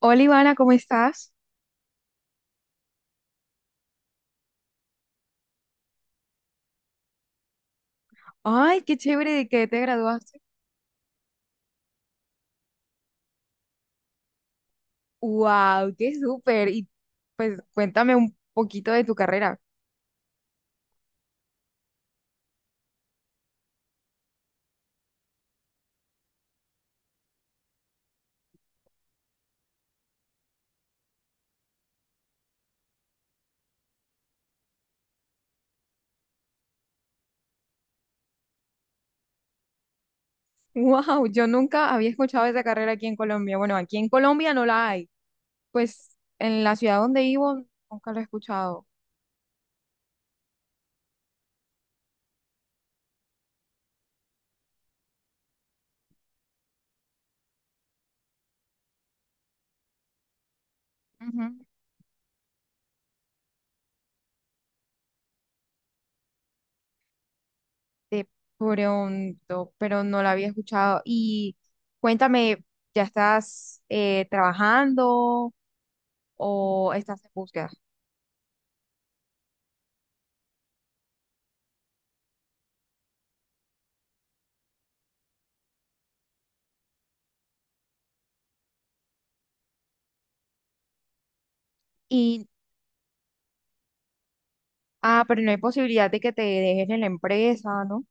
Hola Ivana, ¿cómo estás? Ay, qué chévere de que te graduaste. Wow, qué súper. Y pues cuéntame un poquito de tu carrera. Wow, yo nunca había escuchado esa carrera aquí en Colombia. Bueno, aquí en Colombia no la hay. Pues en la ciudad donde vivo nunca la he escuchado. Ujú. De pronto, pero no la había escuchado. Y cuéntame, ¿ya estás trabajando o estás en búsqueda? Y, ah, pero no hay posibilidad de que te dejes en la empresa, ¿no?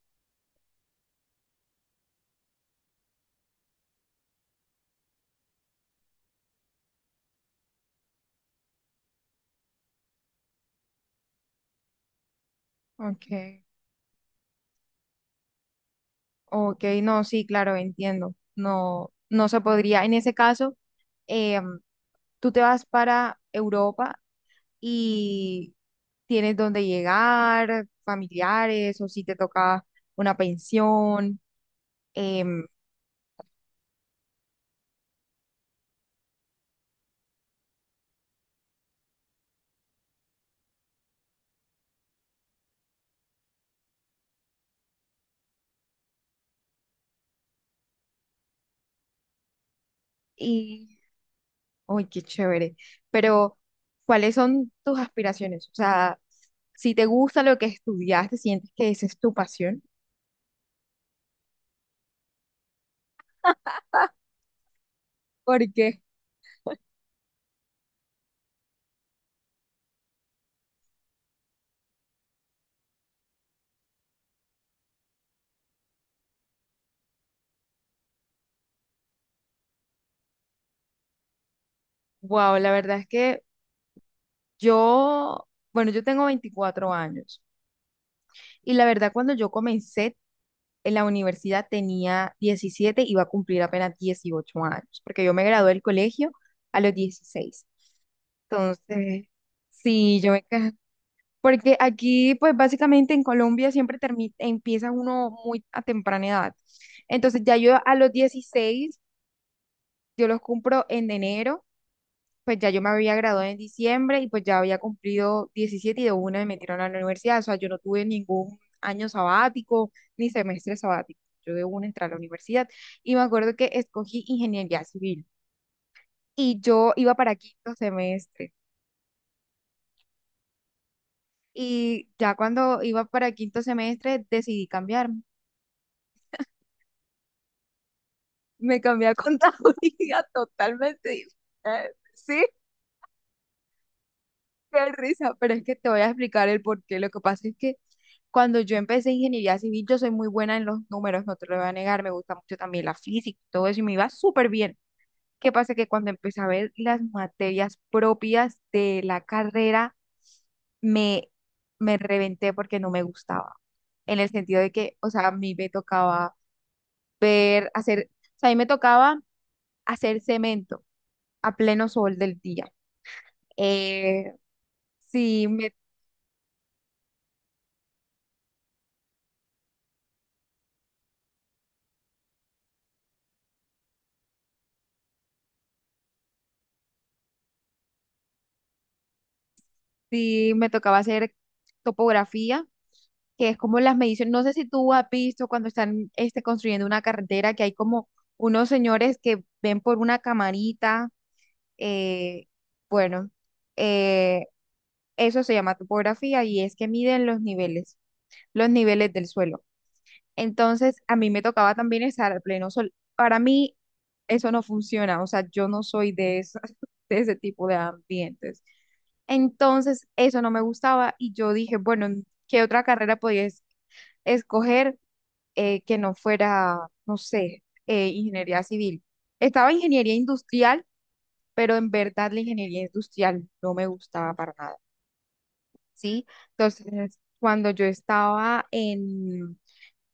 Okay, ok, no, sí, claro, entiendo. No, no se podría. En ese caso, em, tú te vas para Europa y tienes dónde llegar, familiares, o si te toca una pensión, em, y, uy, qué chévere. Pero, ¿cuáles son tus aspiraciones? O sea, si te gusta lo que estudiaste, sientes que esa es tu pasión, porque, wow, la verdad es que yo, bueno, yo tengo 24 años. Y la verdad cuando yo comencé en la universidad tenía 17, iba a cumplir apenas 18 años, porque yo me gradué del colegio a los 16. Entonces, sí, porque aquí, pues básicamente en Colombia siempre empieza uno muy a temprana edad. Entonces, ya yo a los 16, yo los cumplo en enero, pues ya yo me había graduado en diciembre y pues ya había cumplido 17 y de una me metieron a la universidad. O sea, yo no tuve ningún año sabático ni semestre sabático. Yo de una entré a la universidad y me acuerdo que escogí ingeniería civil y yo iba para quinto semestre. Y ya cuando iba para quinto semestre decidí cambiarme. Me cambié a contaduría totalmente diferente. Sí. Qué risa, pero es que te voy a explicar el por qué. Lo que pasa es que cuando yo empecé ingeniería civil, yo soy muy buena en los números, no te lo voy a negar, me gusta mucho también la física y todo eso, y me iba súper bien. ¿Qué pasa? Que cuando empecé a ver las materias propias de la carrera, me, me reventé porque no me gustaba. En el sentido de que, o sea, a mí me tocaba ver, hacer, o sea, a mí me tocaba hacer cemento a pleno sol del día. Eh, sí, me Sí, me tocaba hacer topografía, que es como las mediciones. No sé si tú has visto cuando están construyendo una carretera que hay como unos señores que ven por una camarita. eh, bueno, eh, eso se llama topografía y es que miden los niveles, del suelo. Entonces, a mí me tocaba también estar al pleno sol. Para mí, eso no funciona, o sea, yo no soy de, de ese tipo de ambientes. Entonces, eso no me gustaba y yo dije, bueno, ¿qué otra carrera podía escoger, que no fuera, no sé, ingeniería civil? Estaba ingeniería industrial, pero en verdad la ingeniería industrial no me gustaba para nada, ¿sí? Entonces, cuando yo estaba en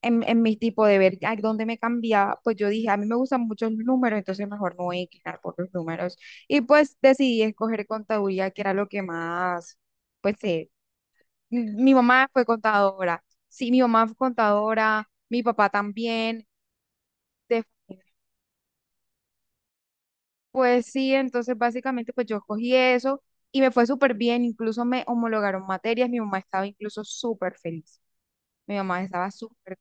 en, en mi tipo de ver a dónde me cambiaba, pues yo dije, a mí me gustan muchos números, entonces mejor no voy a inclinar por los números. Y pues decidí escoger contaduría, que era lo que más, pues mi mamá fue contadora, sí, mi mamá fue contadora, mi papá también. De- pues sí, entonces básicamente pues yo escogí eso y me fue súper bien, incluso me homologaron materias, mi mamá estaba incluso súper feliz, mi mamá estaba súper.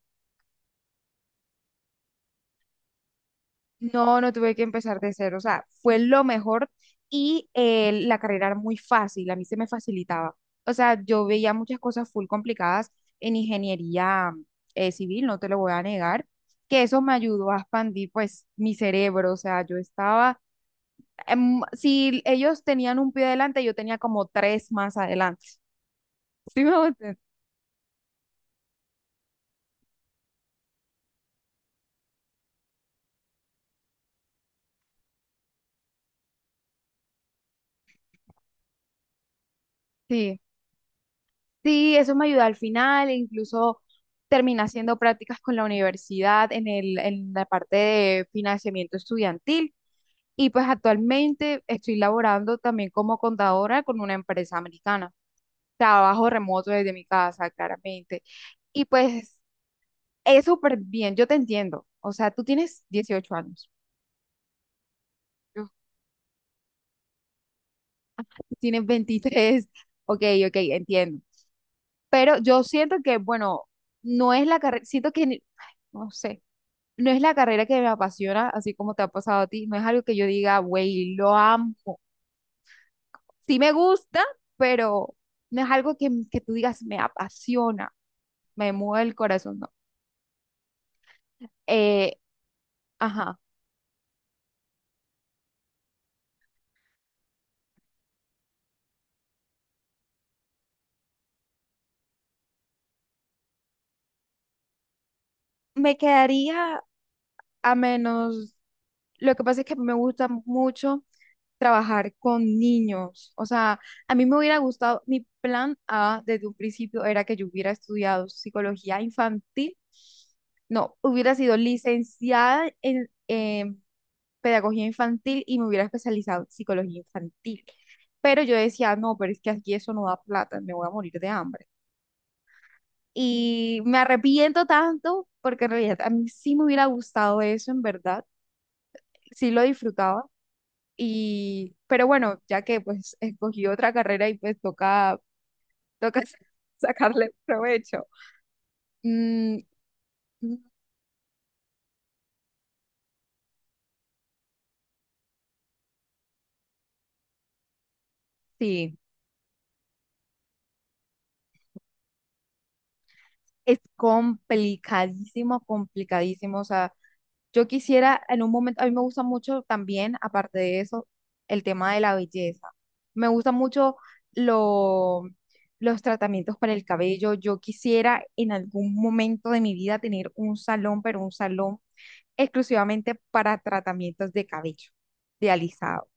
No, no tuve que empezar de cero, o sea, fue lo mejor y la carrera era muy fácil, a mí se me facilitaba. O sea, yo veía muchas cosas full complicadas en ingeniería civil, no te lo voy a negar, que eso me ayudó a expandir pues mi cerebro. O sea, yo estaba, si ellos tenían un pie adelante, yo tenía como tres más adelante. ¿Sí me voy a entender? Sí. Sí, eso me ayudó al final, incluso terminé haciendo prácticas con la universidad en la parte de financiamiento estudiantil y pues actualmente estoy laborando también como contadora con una empresa americana. Trabajo remoto desde mi casa, claramente. Y pues es súper bien, yo te entiendo. O sea, tú tienes 18 años, yo- tú tienes 23. Ok, ok, entiendo. Pero yo siento que, bueno, no es la carrera, siento que, ay, no sé. No es la carrera que me apasiona, así como te ha pasado a ti, no es algo que yo diga, güey, lo amo. Sí me gusta, pero no es algo que, tú digas, me apasiona, me mueve el corazón, no. Eh, ajá, me quedaría a menos. Lo que pasa es que me gusta mucho trabajar con niños. O sea, a mí me hubiera gustado, mi plan A desde un principio era que yo hubiera estudiado psicología infantil. No, hubiera sido licenciada en pedagogía infantil y me hubiera especializado en psicología infantil. Pero yo decía, no, pero es que aquí eso no da plata, me voy a morir de hambre. Y me arrepiento tanto porque en realidad a mí sí me hubiera gustado eso, en verdad, sí lo disfrutaba y, pero bueno, ya que pues escogí otra carrera y pues toca, toca sacarle provecho. Mm, mm, sí, es complicadísimo, complicadísimo. O sea, yo quisiera en un momento, a mí me gusta mucho también, aparte de eso, el tema de la belleza. Me gusta mucho lo, los tratamientos para el cabello. Yo quisiera en algún momento de mi vida tener un salón, pero un salón exclusivamente para tratamientos de cabello, de alisado.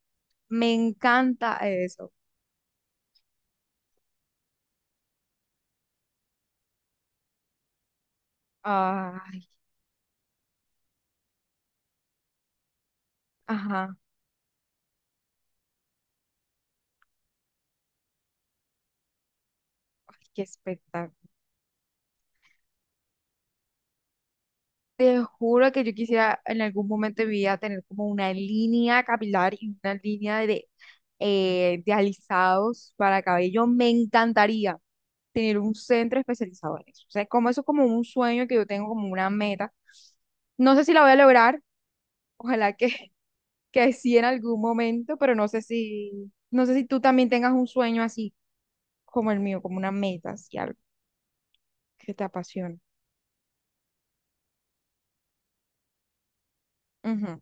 Me encanta eso. Ay, ajá, ay, qué espectáculo. Te juro que yo quisiera en algún momento de mi vida tener como una línea capilar y una línea de alisados para cabello. Me encantaría tener un centro especializado en eso. O sea, como eso es como un sueño que yo tengo, como una meta. No sé si la voy a lograr. Ojalá que sí en algún momento, pero no sé si tú también tengas un sueño así como el mío, como una meta, así algo que te apasione. Ujú.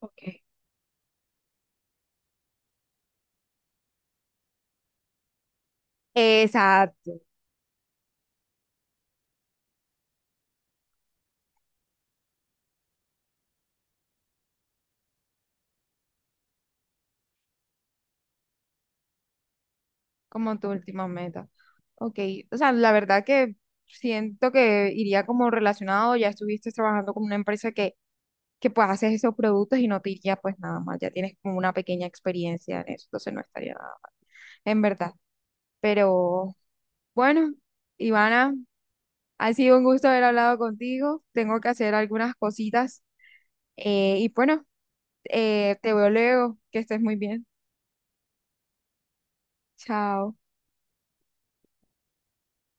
Ok. Exacto, como tu última meta. Ok, o sea, la verdad que siento que iría como relacionado, ya estuviste trabajando con una empresa que pues haces esos productos y no te iría pues nada más, ya tienes como una pequeña experiencia en eso, entonces no estaría nada, mal, en verdad. Pero bueno, Ivana. Ha sido un gusto haber hablado contigo. Tengo que hacer algunas cositas. Y bueno, te veo luego. Que estés muy bien. Chao.